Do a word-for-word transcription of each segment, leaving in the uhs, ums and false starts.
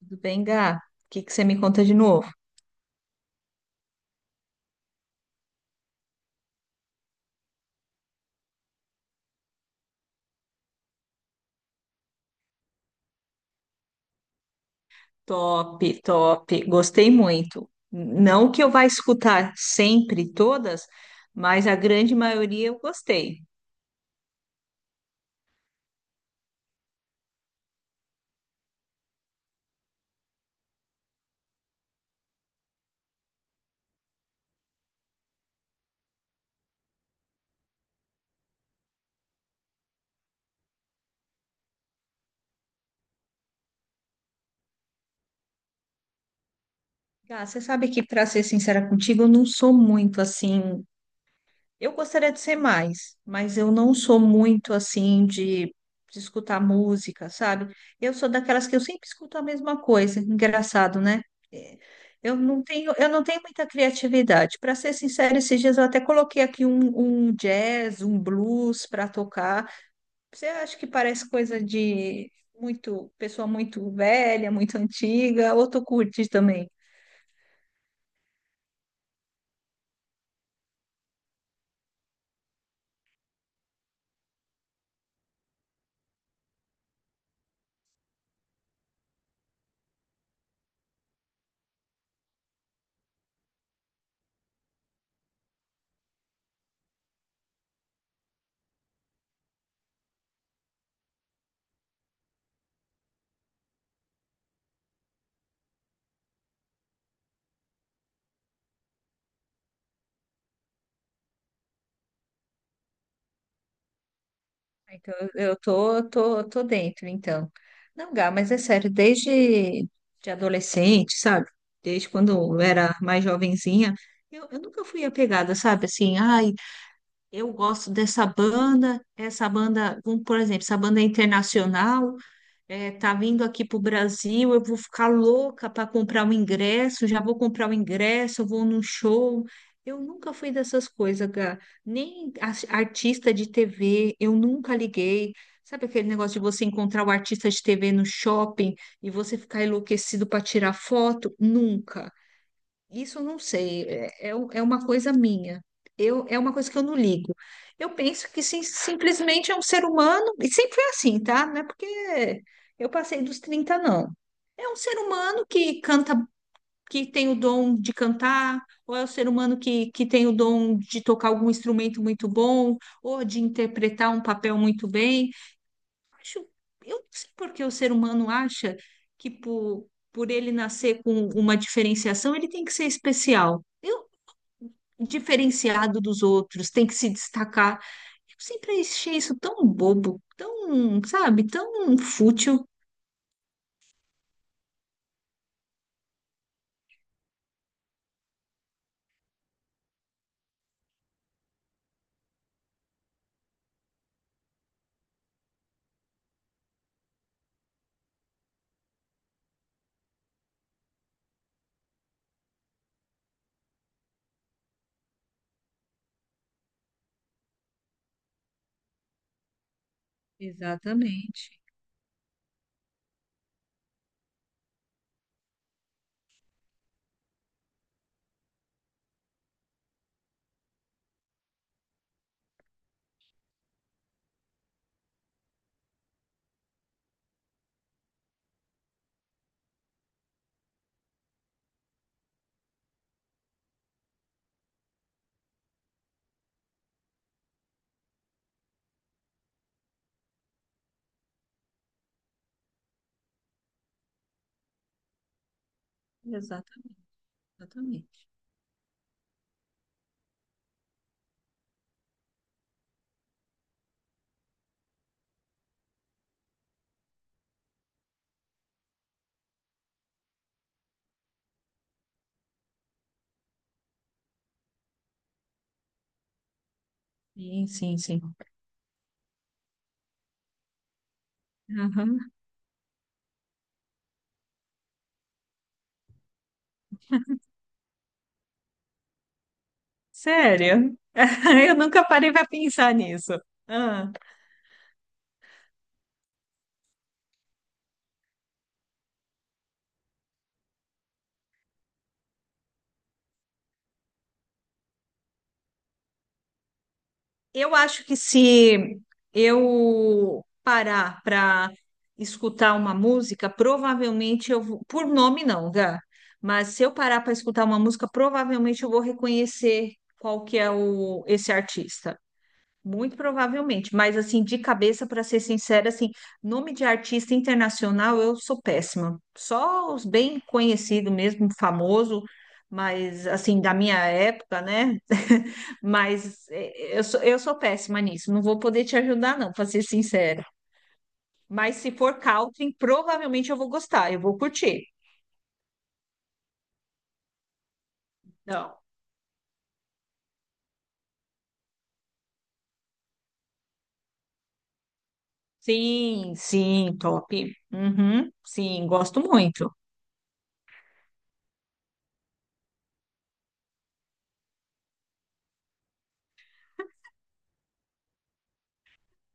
Tudo bem, Gá? O que que você me conta de novo? Top, top. Gostei muito. Não que eu vá escutar sempre todas, mas a grande maioria eu gostei. Gá, você sabe que, para ser sincera contigo, eu não sou muito assim. Eu gostaria de ser mais, mas eu não sou muito assim de, de escutar música, sabe? Eu sou daquelas que eu sempre escuto a mesma coisa. Engraçado, né? É, Eu não tenho, eu não tenho muita criatividade. Para ser sincera, esses dias eu até coloquei aqui um, um jazz, um blues para tocar. Você acha que parece coisa de muito pessoa muito velha, muito antiga, ou tu curte também? Então, eu eu tô, tô, tô dentro, então. Não, Gá, mas é sério, desde de adolescente, sabe? Desde quando eu era mais jovenzinha, eu, eu nunca fui apegada, sabe? Assim, ai, eu gosto dessa banda, essa banda, um, por exemplo, essa banda é internacional, é, tá vindo aqui pro Brasil, eu vou ficar louca para comprar o ingresso, já vou comprar o ingresso, eu vou num show. Eu nunca fui dessas coisas, Gá. Nem as- artista de T V, eu nunca liguei. Sabe aquele negócio de você encontrar o artista de T V no shopping e você ficar enlouquecido para tirar foto? Nunca. Isso eu não sei, é, é um- é uma coisa minha. Eu, é uma coisa que eu não ligo. Eu penso que sim- simplesmente é um ser humano, e sempre foi assim, tá? Não é porque eu passei dos trinta não. É um ser humano que canta, que tem o dom de cantar, ou é um ser humano que, que tem o dom de tocar algum instrumento muito bom, ou de interpretar um papel muito bem acho, eu não sei por que o ser humano acha que por, por ele nascer com uma diferenciação, ele tem que ser especial. Eu, diferenciado dos outros, tem que se destacar. Eu sempre achei isso tão bobo, tão, sabe, tão fútil. Exatamente, exata- exatamente. Sim, sim, sim. Aham. Sério? Eu nunca parei para pensar nisso. Ah. Eu acho que se eu parar para escutar uma música, provavelmente eu vou, por nome não, Gá, mas se eu parar para escutar uma música, provavelmente eu vou reconhecer qual que é o, esse artista. Muito provavelmente, mas assim, de cabeça, para ser sincera, assim, nome de artista internacional eu sou péssima. Só os bem conhecidos mesmo, famoso, mas assim, da minha época, né? Mas é, eu sou, eu sou péssima nisso, não vou poder te ajudar, não, para ser sincera. Mas se for country, provavelmente eu vou gostar, eu vou curtir. Não. Sim, sim, top. Uhum, sim, gosto muito.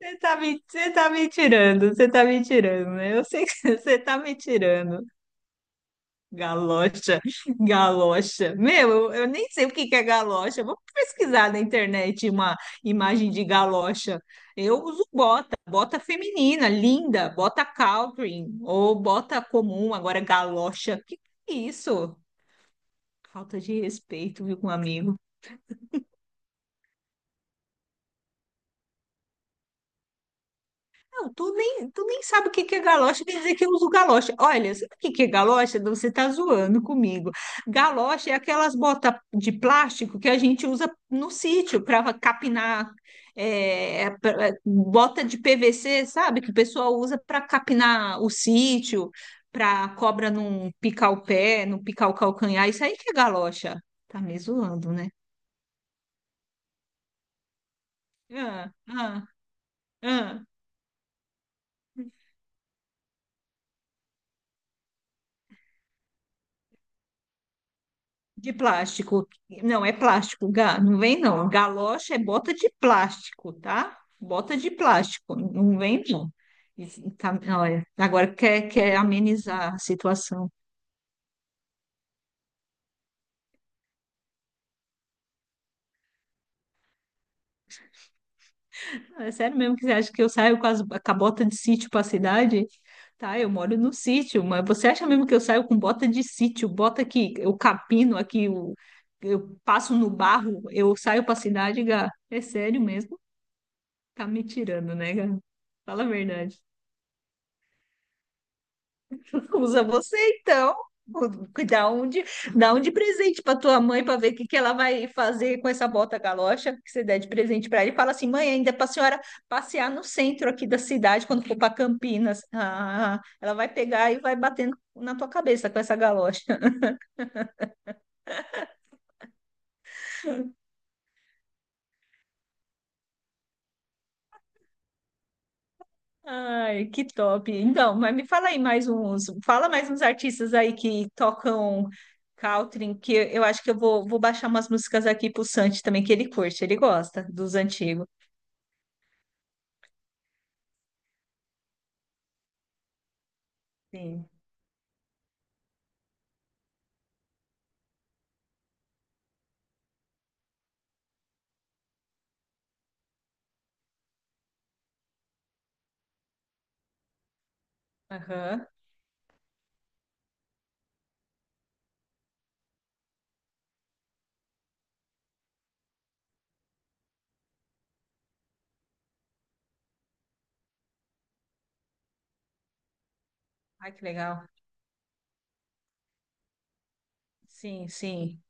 Você tá me, você tá me tirando, você tá me tirando, né? Eu sei que você tá me tirando. Galocha, galocha. Meu, eu, eu nem sei o que que é galocha. Eu vou pesquisar na internet uma imagem de galocha. Eu uso bota, bota feminina, linda, bota Calvin ou bota comum, agora galocha. Que que é isso? Falta de respeito, viu, com um amigo. Não, tu nem, tu nem sabe o que que é galocha, quer dizer que eu uso galocha. Olha, sabe o que que é galocha? Você tá zoando comigo. Galocha é aquelas botas de plástico que a gente usa no sítio para capinar, é, pra- é, bota de P V C, sabe? Que o pessoal usa para capinar o sítio, para cobra não picar o pé, não picar o calcanhar. Isso aí que é galocha. Tá me zoando, né? Ah, ah, ah. De plástico. Não, é plástico, Gá. Não vem, não. Galocha é bota de plástico, tá? Bota de plástico. Não vem, não. E tá- olha, agora quer, quer amenizar a situação. É sério mesmo que você acha que eu saio com, as, com a bota de sítio para a cidade? Tá, eu moro no sítio, mas você acha mesmo que eu saio com bota de sítio? Bota que eu capino aqui, o eu passo no barro, eu saio para a cidade, Gá. É sério mesmo? Tá me tirando, né, Gá? Fala a verdade. Usa você então. Dá um de, dá um de presente para tua mãe para ver o que, que ela vai fazer com essa bota galocha que você der de presente para ele. Fala assim, mãe, ainda é para a senhora passear no centro aqui da cidade quando for para Campinas. Ah, ela vai pegar e vai batendo na tua cabeça com essa galocha. Ai, que top. Então, mas me fala aí mais uns, fala mais uns artistas aí que tocam country, que eu acho que eu vou, vou baixar umas músicas aqui pro Santi também que ele curte, ele gosta dos antigos. Sim. Aham. Ai, que legal. Sim, sim.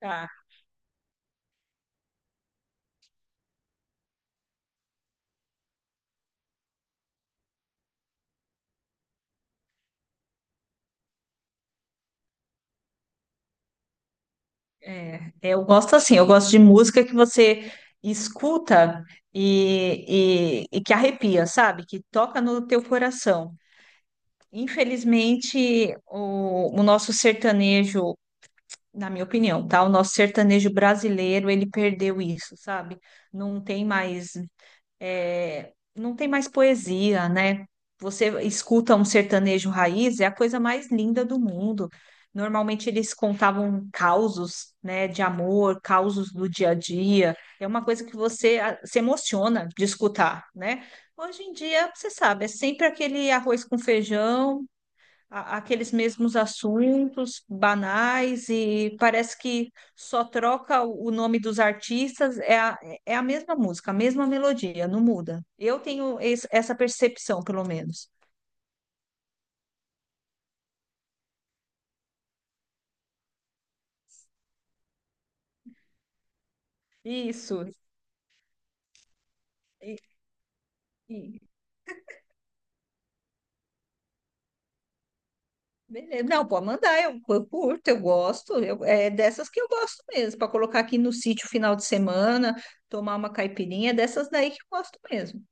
Tá. É, é, eu gosto assim, eu gosto de música que você escuta e, e, e que arrepia, sabe? Que toca no teu coração. Infelizmente, o, o nosso sertanejo, na minha opinião, tá? O nosso sertanejo brasileiro, ele perdeu isso, sabe? Não tem mais. É, não tem mais poesia, né? Você escuta um sertanejo raiz, é a coisa mais linda do mundo. Normalmente eles contavam causos, né, de amor, causos do dia a dia. É uma coisa que você ah, se emociona de escutar, né? Hoje em dia, você sabe, é sempre aquele arroz com feijão, a- aqueles mesmos assuntos banais e parece que só troca o o nome dos artistas, é a, é a mesma música, a mesma melodia, não muda. Eu tenho es- essa percepção, pelo menos. Isso. E- e- beleza. Não, pode mandar, eu, eu curto, eu gosto, eu- é dessas que eu gosto mesmo, para colocar aqui no sítio final de semana, tomar uma caipirinha, é dessas daí que eu gosto mesmo.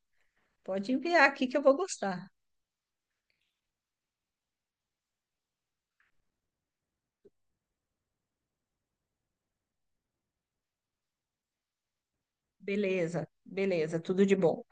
Pode enviar aqui que eu vou gostar. Beleza, beleza, tudo de bom.